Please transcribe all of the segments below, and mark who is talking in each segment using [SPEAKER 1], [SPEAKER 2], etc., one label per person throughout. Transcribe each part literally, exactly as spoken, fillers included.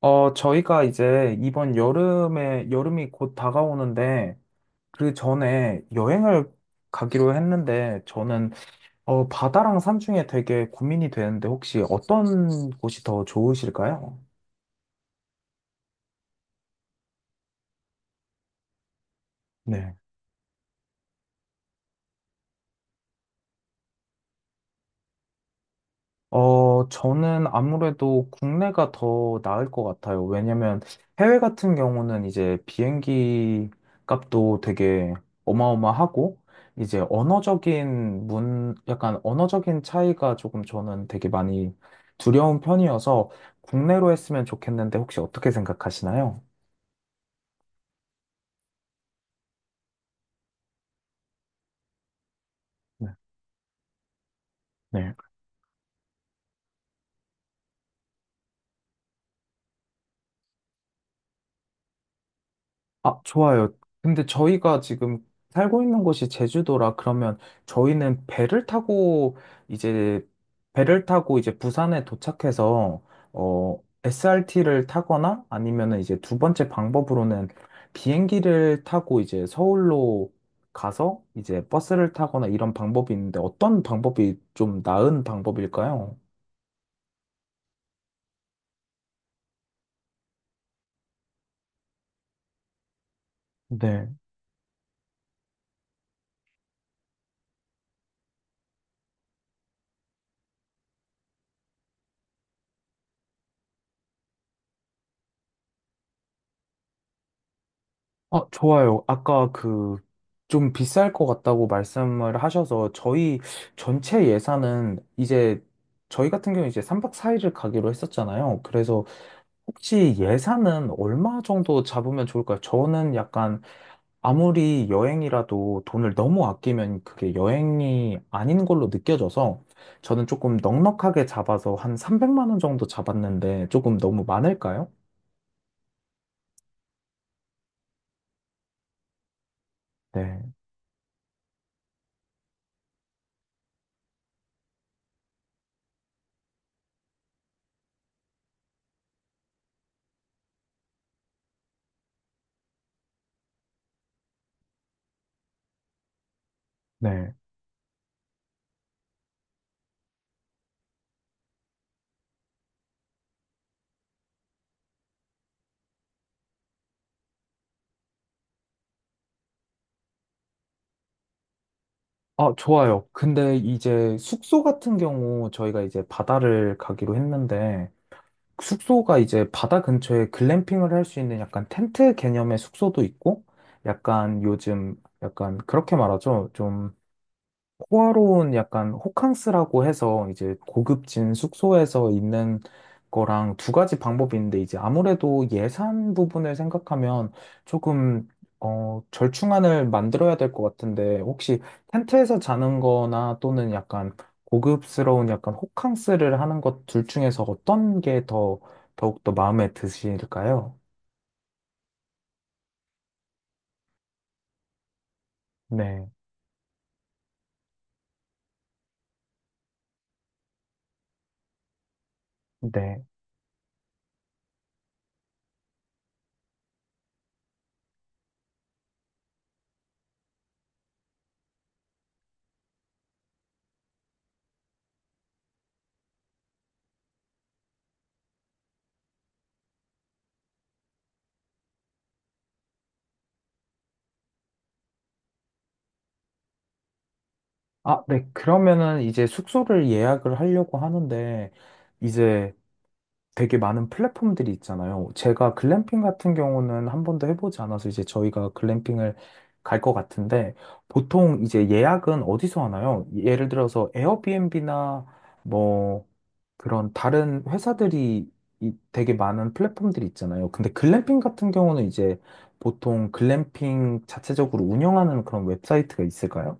[SPEAKER 1] 어, 저희가 이제 이번 여름에, 여름이 곧 다가오는데, 그 전에 여행을 가기로 했는데, 저는, 어, 바다랑 산 중에 되게 고민이 되는데, 혹시 어떤 곳이 더 좋으실까요? 네. 어, 저는 아무래도 국내가 더 나을 것 같아요. 왜냐면 해외 같은 경우는 이제 비행기 값도 되게 어마어마하고, 이제 언어적인 문, 약간 언어적인 차이가 조금 저는 되게 많이 두려운 편이어서 국내로 했으면 좋겠는데 혹시 어떻게 생각하시나요? 네. 네. 아, 좋아요. 근데 저희가 지금 살고 있는 곳이 제주도라 그러면 저희는 배를 타고 이제 배를 타고 이제 부산에 도착해서 어 에스알티를 타거나 아니면은 이제 두 번째 방법으로는 비행기를 타고 이제 서울로 가서 이제 버스를 타거나 이런 방법이 있는데 어떤 방법이 좀 나은 방법일까요? 네. 아, 좋아요. 아까 그, 좀 비쌀 것 같다고 말씀을 하셔서, 저희 전체 예산은 이제, 저희 같은 경우 이제 삼 박 사 일을 가기로 했었잖아요. 그래서 혹시 예산은 얼마 정도 잡으면 좋을까요? 저는 약간 아무리 여행이라도 돈을 너무 아끼면 그게 여행이 아닌 걸로 느껴져서, 저는 조금 넉넉하게 잡아서 한 삼백만 원 정도 잡았는데, 조금 너무 많을까요? 네, 네. 아, 좋아요. 근데 이제 숙소 같은 경우 저희가 이제 바다를 가기로 했는데 숙소가 이제 바다 근처에 글램핑을 할 수 있는 약간 텐트 개념의 숙소도 있고 약간 요즘 약간 그렇게 말하죠. 좀 호화로운 약간 호캉스라고 해서 이제 고급진 숙소에서 있는 거랑 두 가지 방법이 있는데 이제 아무래도 예산 부분을 생각하면 조금 어, 절충안을 만들어야 될 것 같은데 혹시 텐트에서 자는 거나 또는 약간 고급스러운 약간 호캉스를 하는 것 둘 중에서 어떤 게 더 더욱더 마음에 드실까요? 네, 네. 아, 네. 그러면은 이제 숙소를 예약을 하려고 하는데 이제 되게 많은 플랫폼들이 있잖아요. 제가 글램핑 같은 경우는 한 번도 해보지 않아서 이제 저희가 글램핑을 갈 것 같은데 보통 이제 예약은 어디서 하나요? 예를 들어서 에어비앤비나 뭐 그런 다른 회사들이 이- 되게 많은 플랫폼들이 있잖아요. 근데 글램핑 같은 경우는 이제 보통 글램핑 자체적으로 운영하는 그런 웹사이트가 있을까요?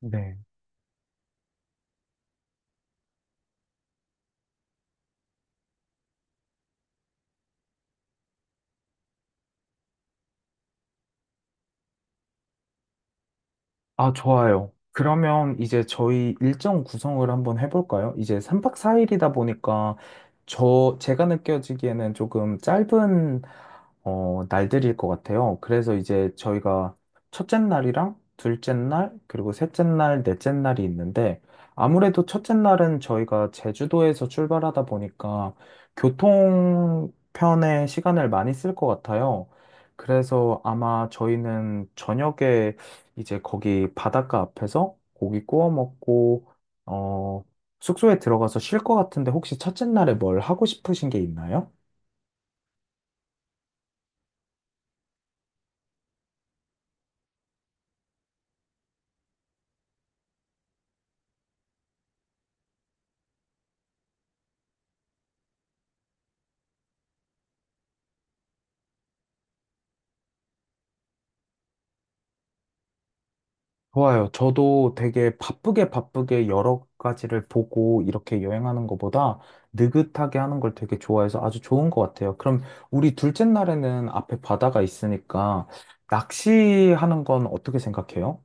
[SPEAKER 1] 네. 아, 좋아요. 그러면 이제 저희 일정 구성을 한번 해볼까요? 이제 삼 박 사 일이다 보니까 저, 제가 느껴지기에는 조금 짧은, 어, 날들일 것 같아요. 그래서 이제 저희가 첫째 날이랑 둘째 날, 그리고 셋째 날, 넷째 날이 있는데 아무래도 첫째 날은 저희가 제주도에서 출발하다 보니까 교통편에 시간을 많이 쓸 것 같아요. 그래서 아마 저희는 저녁에 이제 거기 바닷가 앞에서 고기 구워 먹고, 어, 숙소에 들어가서 쉴 것 같은데 혹시 첫째 날에 뭘 하고 싶으신 게 있나요? 좋아요. 저도 되게 바쁘게 바쁘게 여러 가지를 보고 이렇게 여행하는 것보다 느긋하게 하는 걸 되게 좋아해서 아주 좋은 것 같아요. 그럼 우리 둘째 날에는 앞에 바다가 있으니까 낚시하는 건 어떻게 생각해요?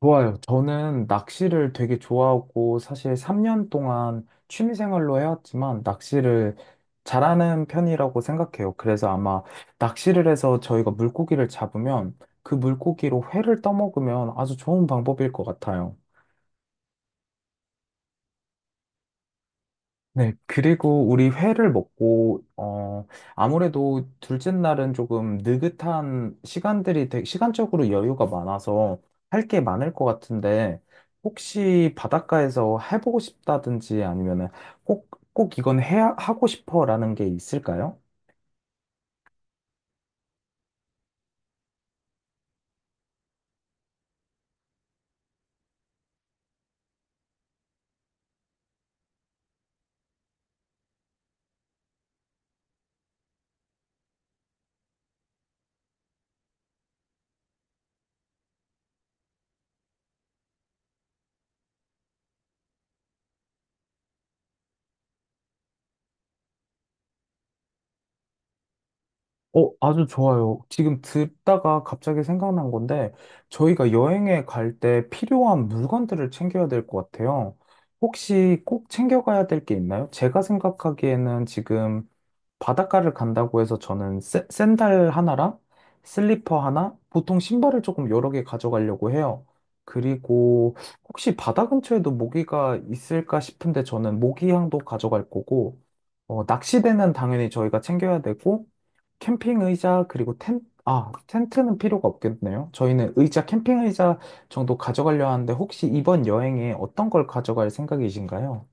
[SPEAKER 1] 좋아요. 저는 낚시를 되게 좋아하고 사실 삼 년 동안 취미 생활로 해왔지만 낚시를 잘하는 편이라고 생각해요. 그래서 아마 낚시를 해서 저희가 물고기를 잡으면 그 물고기로 회를 떠먹으면 아주 좋은 방법일 것 같아요. 네, 그리고 우리 회를 먹고, 어, 아무래도 둘째 날은 조금 느긋한 시간들이, 되- 시간적으로 여유가 많아서 할 게 많을 것 같은데, 혹시 바닷가에서 해보고 싶다든지 아니면은 꼭, 꼭 이건 해, 하고 싶어라는 게 있을까요? 어, 아주 좋아요. 지금 듣다가 갑자기 생각난 건데, 저희가 여행에 갈 때 필요한 물건들을 챙겨야 될 것 같아요. 혹시 꼭 챙겨가야 될 게 있나요? 제가 생각하기에는 지금 바닷가를 간다고 해서 저는 샌- 샌들 하나랑 슬리퍼 하나, 보통 신발을 조금 여러 개 가져가려고 해요. 그리고 혹시 바다 근처에도 모기가 있을까 싶은데 저는 모기향도 가져갈 거고, 어, 낚시대는 당연히 저희가 챙겨야 되고, 캠핑 의자 그리고 텐 아, 텐트는 필요가 없겠네요. 저희는 의자, 캠핑 의자 정도 가져가려 하는데 혹시 이번 여행에 어떤 걸 가져갈 생각이신가요?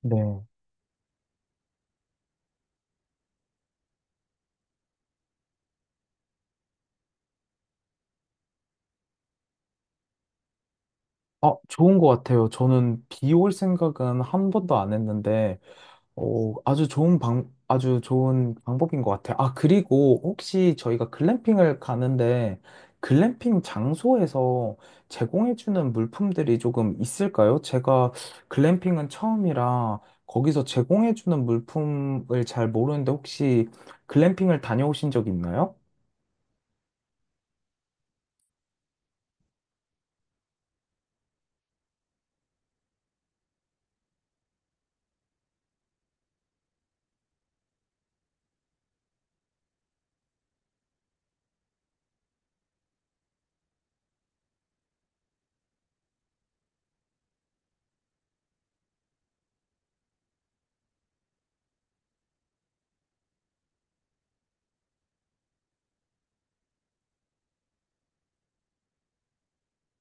[SPEAKER 1] 네. 아, 좋은 것 같아요. 저는 비 올 생각은 한 번도 안 했는데 오, 아주 좋은 방, 아주 좋은 방법인 것 같아요. 아, 그리고 혹시 저희가 글램핑을 가는데 글램핑 장소에서 제공해주는 물품들이 조금 있을까요? 제가 글램핑은 처음이라 거기서 제공해주는 물품을 잘 모르는데 혹시 글램핑을 다녀오신 적 있나요?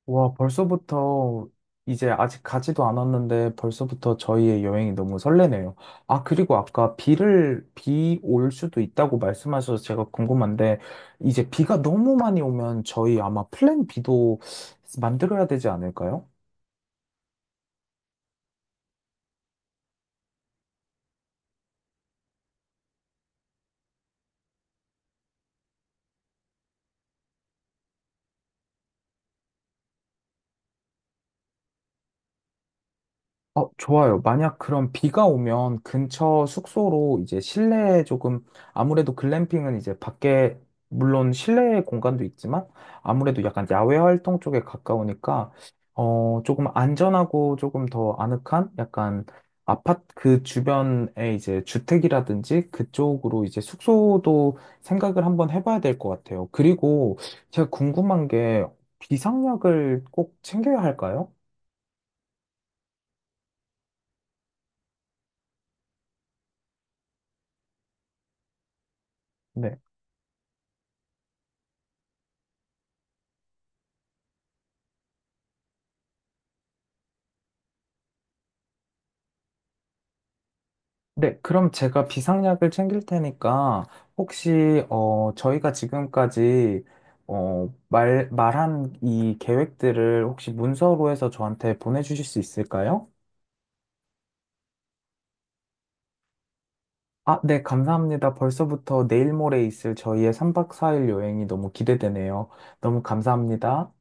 [SPEAKER 1] 와, 벌써부터 이제 아직 가지도 않았는데 벌써부터 저희의 여행이 너무 설레네요. 아, 그리고 아까 비를, 비 올 수도 있다고 말씀하셔서 제가 궁금한데 이제 비가 너무 많이 오면 저희 아마 플랜 B도 만들어야 되지 않을까요? 어, 좋아요. 만약 그럼 비가 오면 근처 숙소로 이제 실내에 조금 아무래도 글램핑은 이제 밖에 물론 실내 공간도 있지만 아무래도 약간 야외 활동 쪽에 가까우니까 어, 조금 안전하고 조금 더 아늑한 약간 아파트 그 주변에 이제 주택이라든지 그쪽으로 이제 숙소도 생각을 한번 해봐야 될 것 같아요. 그리고 제가 궁금한 게 비상약을 꼭 챙겨야 할까요? 네. 네, 그럼 제가 비상약을 챙길 테니까 혹시 어 저희가 지금까지 어 말 말한 이 계획들을 혹시 문서로 해서 저한테 보내주실 수 있을까요? 아, 네, 감사합니다. 벌써부터 내일 모레 있을 저희의 삼 박 사 일 여행이 너무 기대되네요. 너무 감사합니다.